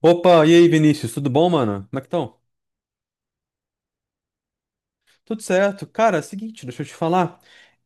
Opa, e aí, Vinícius, tudo bom, mano? Como é que estão? Tudo certo. Cara, é o seguinte, deixa eu te falar.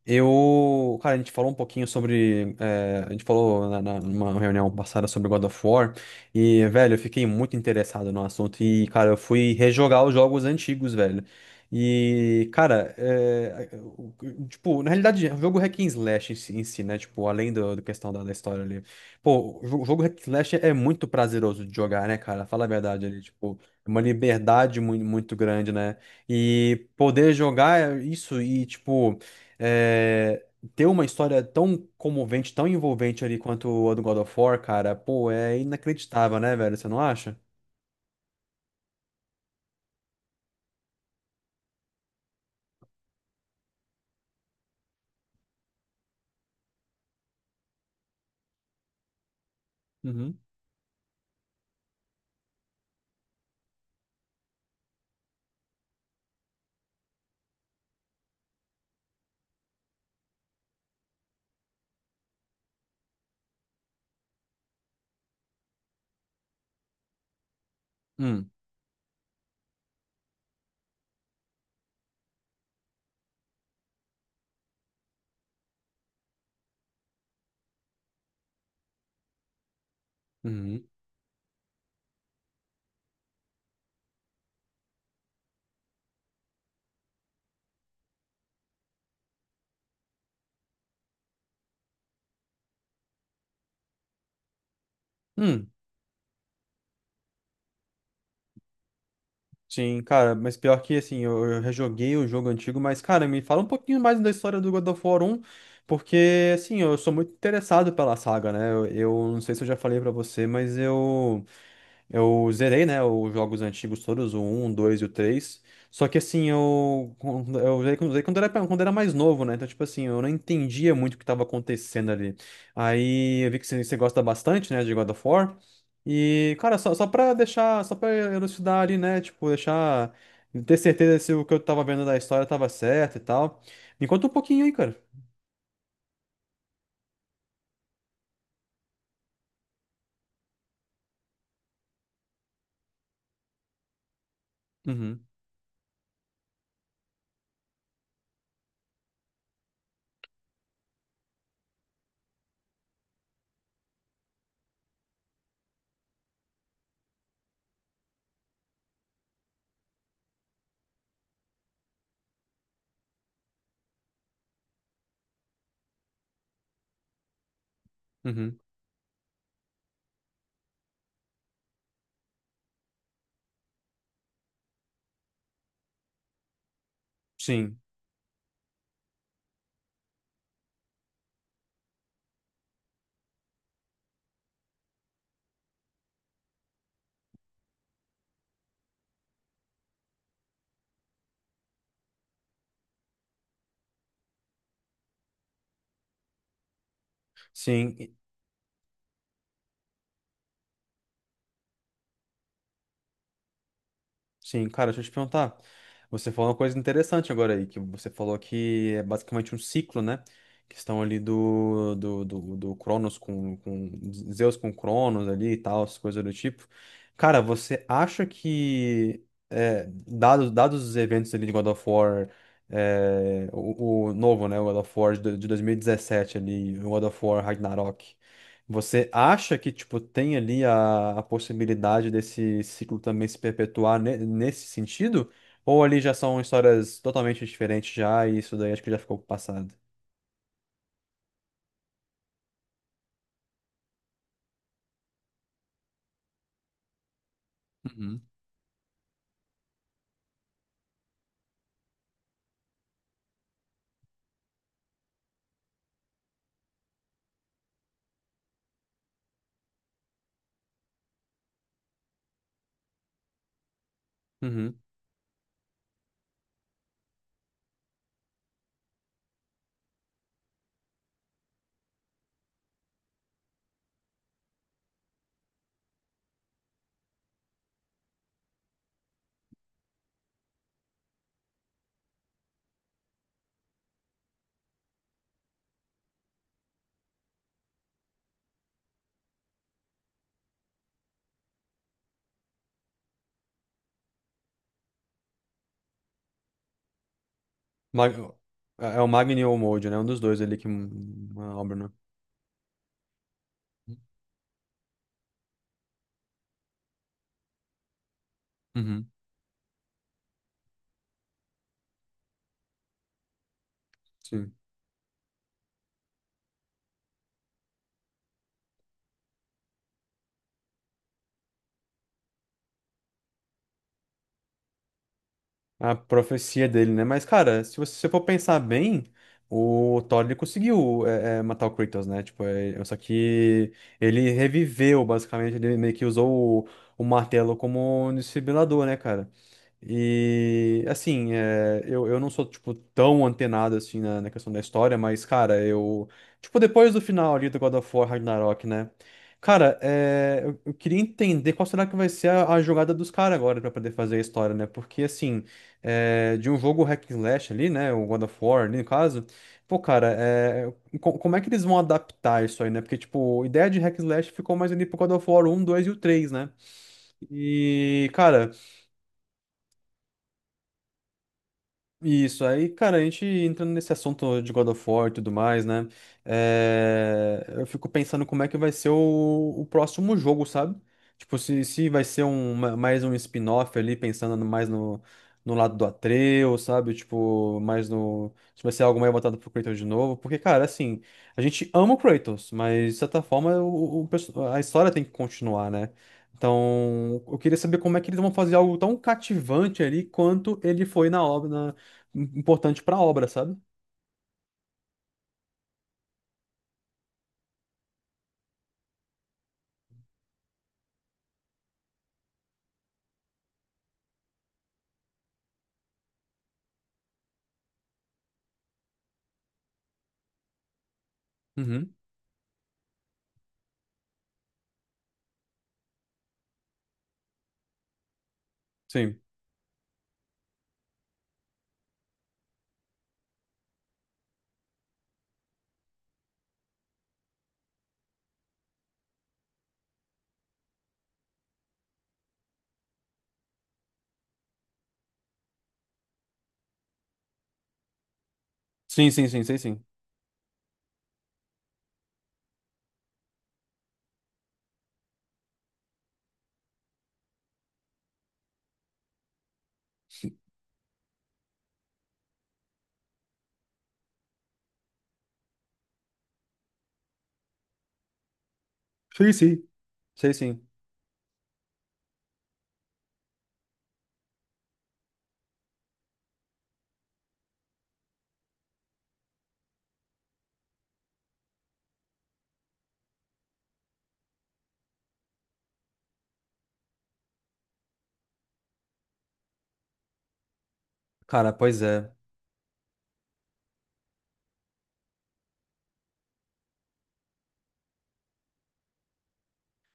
Eu. Cara, a gente falou um pouquinho sobre, a gente falou numa reunião passada sobre God of War. E, velho, eu fiquei muito interessado no assunto. E, cara, eu fui rejogar os jogos antigos, velho. E, cara, tipo, na realidade, o jogo Hack and Slash em si, né? Tipo, além do questão da história ali. Pô, o jogo Hack and Slash é muito prazeroso de jogar, né, cara? Fala a verdade ali, tipo, é uma liberdade muito grande, né? E poder jogar isso e, tipo, é, ter uma história tão comovente, tão envolvente ali quanto a do God of War, cara, pô, é inacreditável, né, velho? Você não acha? Uhum. Hum, uhum. Hum, sim, cara, mas pior que assim, eu rejoguei o jogo antigo, mas, cara, me fala um pouquinho mais da história do God of War um, porque, assim, eu sou muito interessado pela saga, né? Eu não sei se eu já falei pra você, Eu zerei, né, os jogos antigos todos, o 1, o 2 e o três. Só que assim, eu, eu zerei quando era mais novo, né? Então, tipo assim, eu não entendia muito o que estava acontecendo ali. Aí eu vi que você gosta bastante, né, de God of War. E, cara, só pra deixar, só pra elucidar ali, né? Tipo, deixar, ter certeza se o que eu tava vendo da história tava certo e tal. Me conta um pouquinho aí, cara. Uhum, uhum. Sim, sim. Sim, cara, deixa eu te perguntar. Você falou uma coisa interessante agora aí, que você falou que é basicamente um ciclo, né? Questão ali do Cronos com Zeus com Cronos ali e tal, as coisas do tipo. Cara, você acha que, é, dados os eventos ali de God of War, é, o novo, né? O God of War de 2017 ali, o God of War Ragnarok. Você acha que, tipo, tem ali a possibilidade desse ciclo também se perpetuar nesse sentido? Ou ali já são histórias totalmente diferentes já, e isso daí acho que já ficou pro passado? Uhum. Uhum. Mag- É é o Magni ou o Mojo, né? Um dos dois ali que... uma obra, né? Uhum. Sim. A profecia dele, né? Mas, cara, se você se você for pensar bem, o Thor ele conseguiu matar o Kratos, né? Tipo, só que ele reviveu, basicamente, ele meio que usou o martelo como um desfibrilador, né, cara? E assim, é, eu não sou, tipo, tão antenado assim na questão da história, mas, cara, eu. Tipo, depois do final ali do God of War Ragnarok, né? Cara, é, eu queria entender qual será que vai ser a jogada dos caras agora pra poder fazer a história, né? Porque, assim, é, de um jogo hack and slash ali, né? O God of War ali, no caso. Pô, cara, é, como é que eles vão adaptar isso aí, né? Porque, tipo, a ideia de hack and slash ficou mais ali pro God of War 1, 2 e o três, né? E, cara. Isso, aí, cara, a gente entrando nesse assunto de God of War e tudo mais, né? É, eu fico pensando como é que vai ser o próximo jogo, sabe? Tipo, se vai ser um, mais um spin-off ali, pensando mais no, no lado do Atreus, sabe? Tipo, mais no. Se vai ser algo mais voltado pro Kratos de novo. Porque, cara, assim, a gente ama o Kratos, mas de certa forma a história tem que continuar, né? Então, eu queria saber como é que eles vão fazer algo tão cativante ali quanto ele foi na obra, importante pra obra, sabe? Uhum. Sim. Sim, sim, sim, sei sim. Sim, sim. Sei sim. Cara, pois é.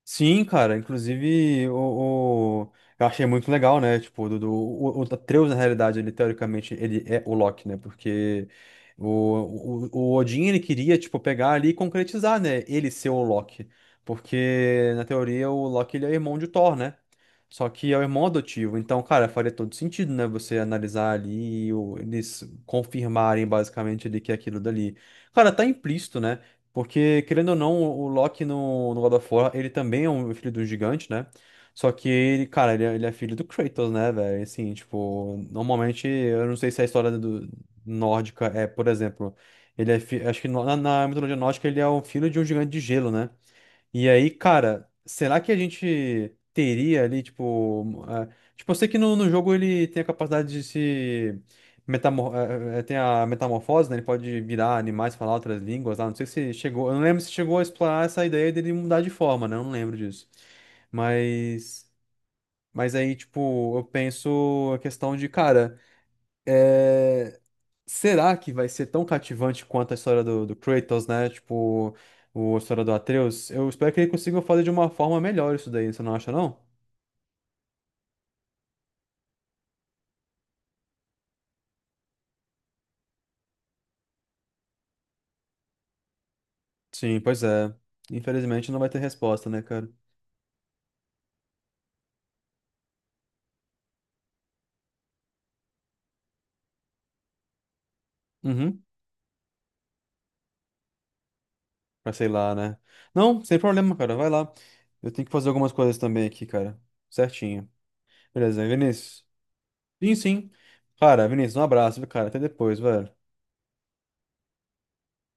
Sim, cara, inclusive eu achei muito legal, né? Tipo, o Atreus, na realidade, ele teoricamente ele é o Loki, né? Porque o, o Odin ele queria, tipo, pegar ali e concretizar, né? Ele ser o Loki. Porque, na teoria, o Loki ele é irmão de Thor, né? Só que é o irmão adotivo. Então, cara, faria todo sentido, né? Você analisar ali, e eles confirmarem basicamente ali que é aquilo dali. Cara, tá implícito, né? Porque, querendo ou não, o Loki no God of War, ele também é um filho do gigante, né? Só que ele, cara, ele é filho do Kratos, né, velho? Assim, tipo, normalmente, eu não sei se a história do, nórdica é, por exemplo, ele é, acho que na mitologia nórdica ele é o filho de um gigante de gelo, né? E aí, cara, será que a gente teria ali, tipo. Ah, tipo, eu sei que no jogo ele tem a capacidade de se. Metamor eh, eh, eh, tem a metamorfose, né? Ele pode virar animais, falar outras línguas lá. Não sei se chegou. Eu não lembro se chegou a explorar essa ideia dele mudar de forma, né? Eu não lembro disso. Mas. Mas aí, tipo, eu penso a questão de, cara. eh, Será que vai ser tão cativante quanto a história do Kratos, né? Tipo, a história do Atreus? Eu espero que ele consiga fazer de uma forma melhor isso daí, você não acha, não? Sim, pois é. Infelizmente não vai ter resposta, né, cara? Uhum, pra sei lá, né? Não, sem problema, cara, vai lá. Eu tenho que fazer algumas coisas também aqui, cara. Certinho. Beleza, Vinícius? Sim, sim. Cara, Vinícius, um abraço, viu, cara? Até depois, velho.